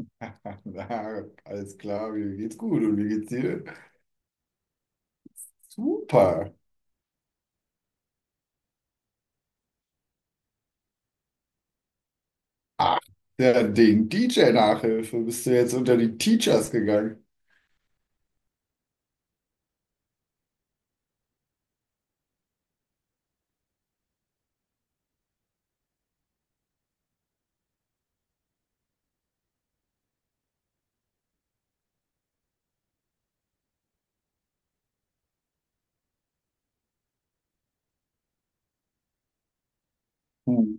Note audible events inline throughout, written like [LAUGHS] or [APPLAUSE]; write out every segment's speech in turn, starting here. [LAUGHS] Na, alles klar, mir geht's gut, und wie geht's dir? Super. Ach, der Ding, DJ-Nachhilfe, bist du jetzt unter die Teachers gegangen? Hm.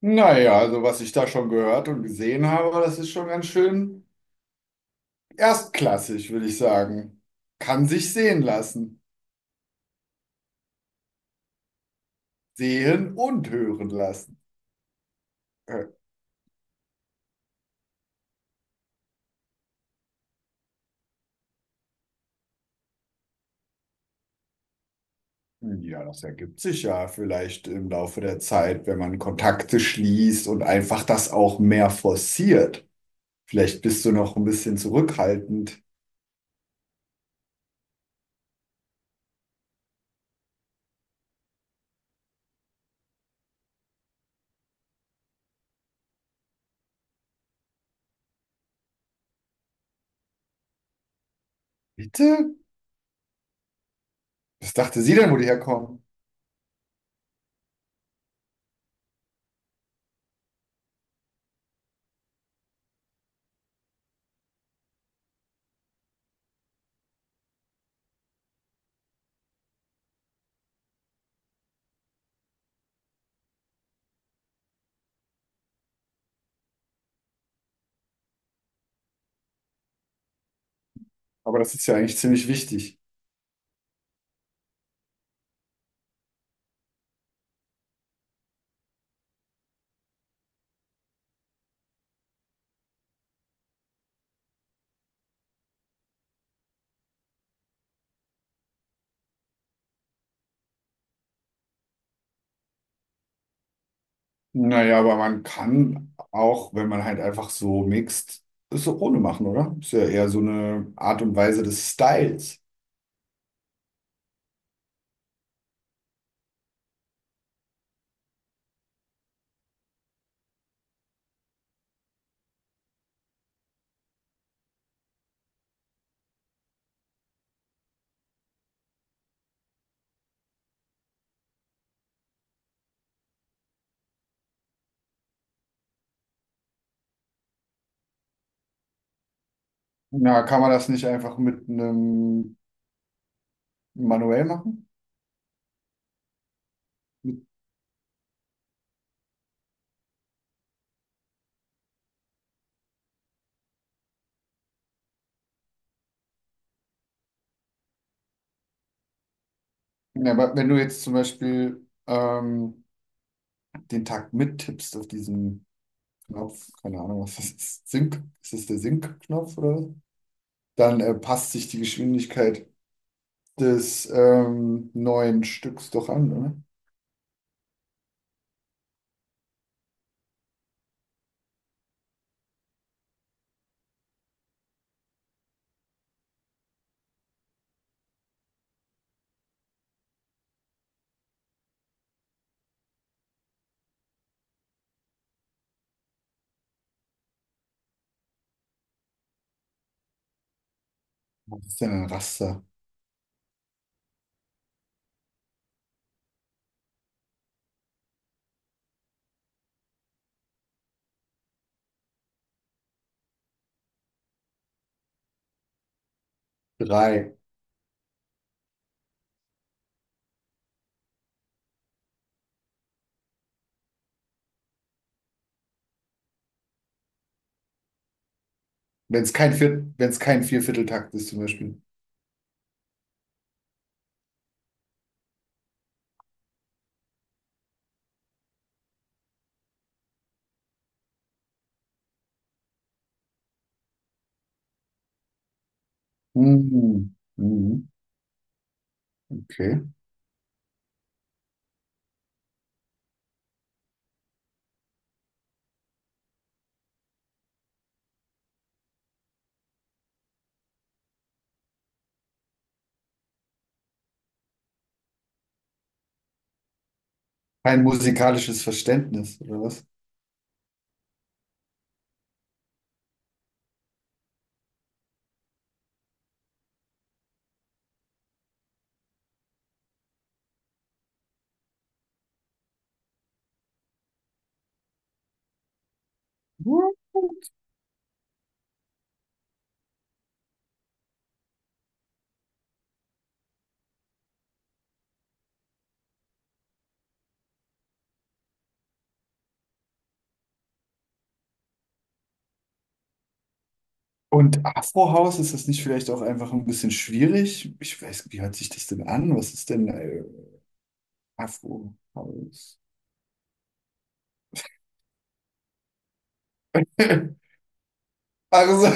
Naja, also was ich da schon gehört und gesehen habe, das ist schon ganz schön erstklassig, würde ich sagen. Kann sich sehen lassen, sehen und hören lassen. Äh, ja, das ergibt sich ja vielleicht im Laufe der Zeit, wenn man Kontakte schließt und einfach das auch mehr forciert. Vielleicht bist du noch ein bisschen zurückhaltend. Bitte? Was dachte sie denn, wo die herkommen? Aber das ist ja eigentlich ziemlich wichtig. Naja, aber man kann auch, wenn man halt einfach so mixt, es so ohne machen, oder? Ist ja eher so eine Art und Weise des Styles. Na, kann man das nicht einfach mit einem manuell machen? Mit, na, aber wenn du jetzt zum Beispiel den Takt mittippst auf diesen Knopf, keine Ahnung, was das ist, Sync, ist das der Sync-Knopf oder was? Dann passt sich die Geschwindigkeit des neuen Stücks doch an, oder? Was ist denn ein Raster? Drei. Wenn es kein Viervierteltakt ist, zum Beispiel. Mhm. Mhm. Okay. Kein musikalisches Verständnis, oder was? Und Afrohaus, ist das nicht vielleicht auch einfach ein bisschen schwierig? Ich weiß, wie hört sich das denn an? Was ist denn Afrohaus? [LAUGHS] Also,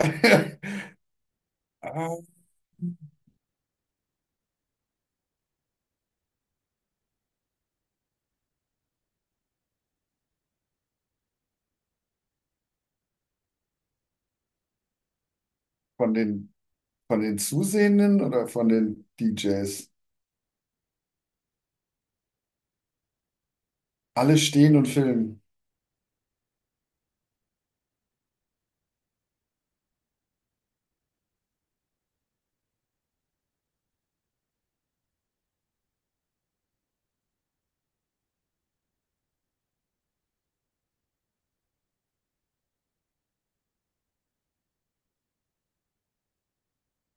[LAUGHS] von den Von den Zusehenden oder von den DJs? Alle stehen und filmen.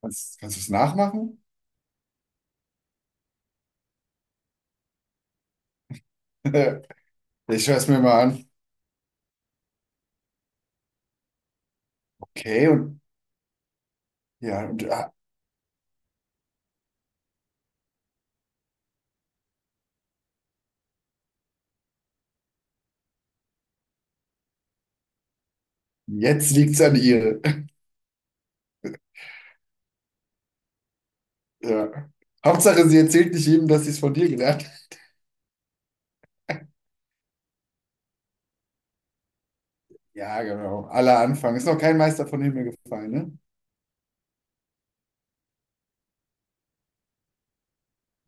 Kannst du es nachmachen? [LAUGHS] Ich schaue es mir mal an. Okay, und ja, jetzt liegt es an ihr. [LAUGHS] Ja. Hauptsache, sie erzählt nicht jedem, dass sie es von dir gelernt hat. Ja, genau. Aller Anfang. Ist noch kein Meister von Himmel gefallen, ne?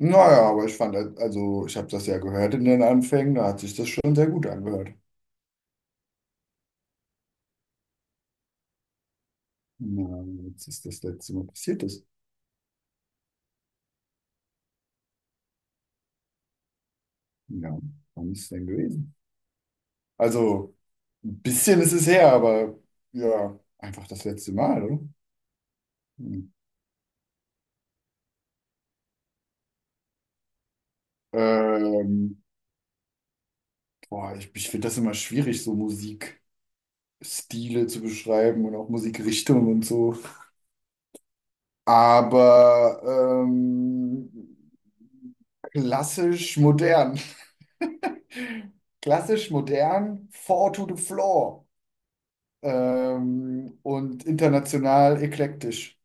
Naja, aber ich fand, also ich habe das ja gehört in den Anfängen, da hat sich das schon sehr gut angehört. Na, jetzt ist das letzte Mal passiert ist. Ja, wann ist es denn gewesen? Also. Ein bisschen ist es her, aber ja, einfach das letzte Mal, oder? Hm. Ähm, boah, ich finde das immer schwierig, so Musikstile zu beschreiben und auch Musikrichtungen und so. Aber ähm, klassisch modern. [LAUGHS] Klassisch modern, four to the floor. Und international eklektisch.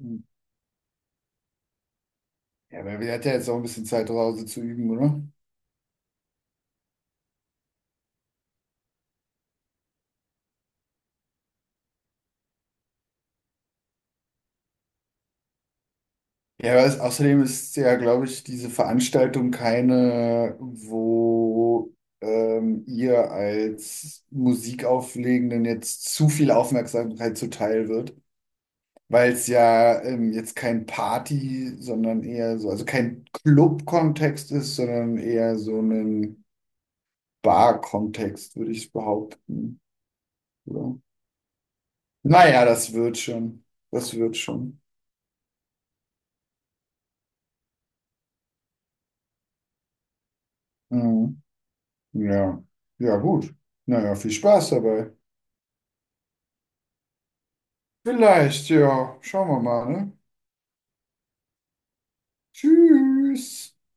Hm. Ja, aber wir hatten ja jetzt auch ein bisschen Zeit, zu Hause zu üben, oder? Außerdem ist ja, glaube ich, diese Veranstaltung keine, wo ihr als Musikauflegenden jetzt zu viel Aufmerksamkeit zuteil wird, weil es ja jetzt kein Party, sondern eher so, also kein Club-Kontext ist, sondern eher so ein Bar-Kontext, würde ich behaupten. Oder? Naja, das wird schon. Das wird schon. Mhm. Ja. Ja, gut. Naja, viel Spaß dabei. Vielleicht, ja. Schauen wir mal, ne? Tschüss.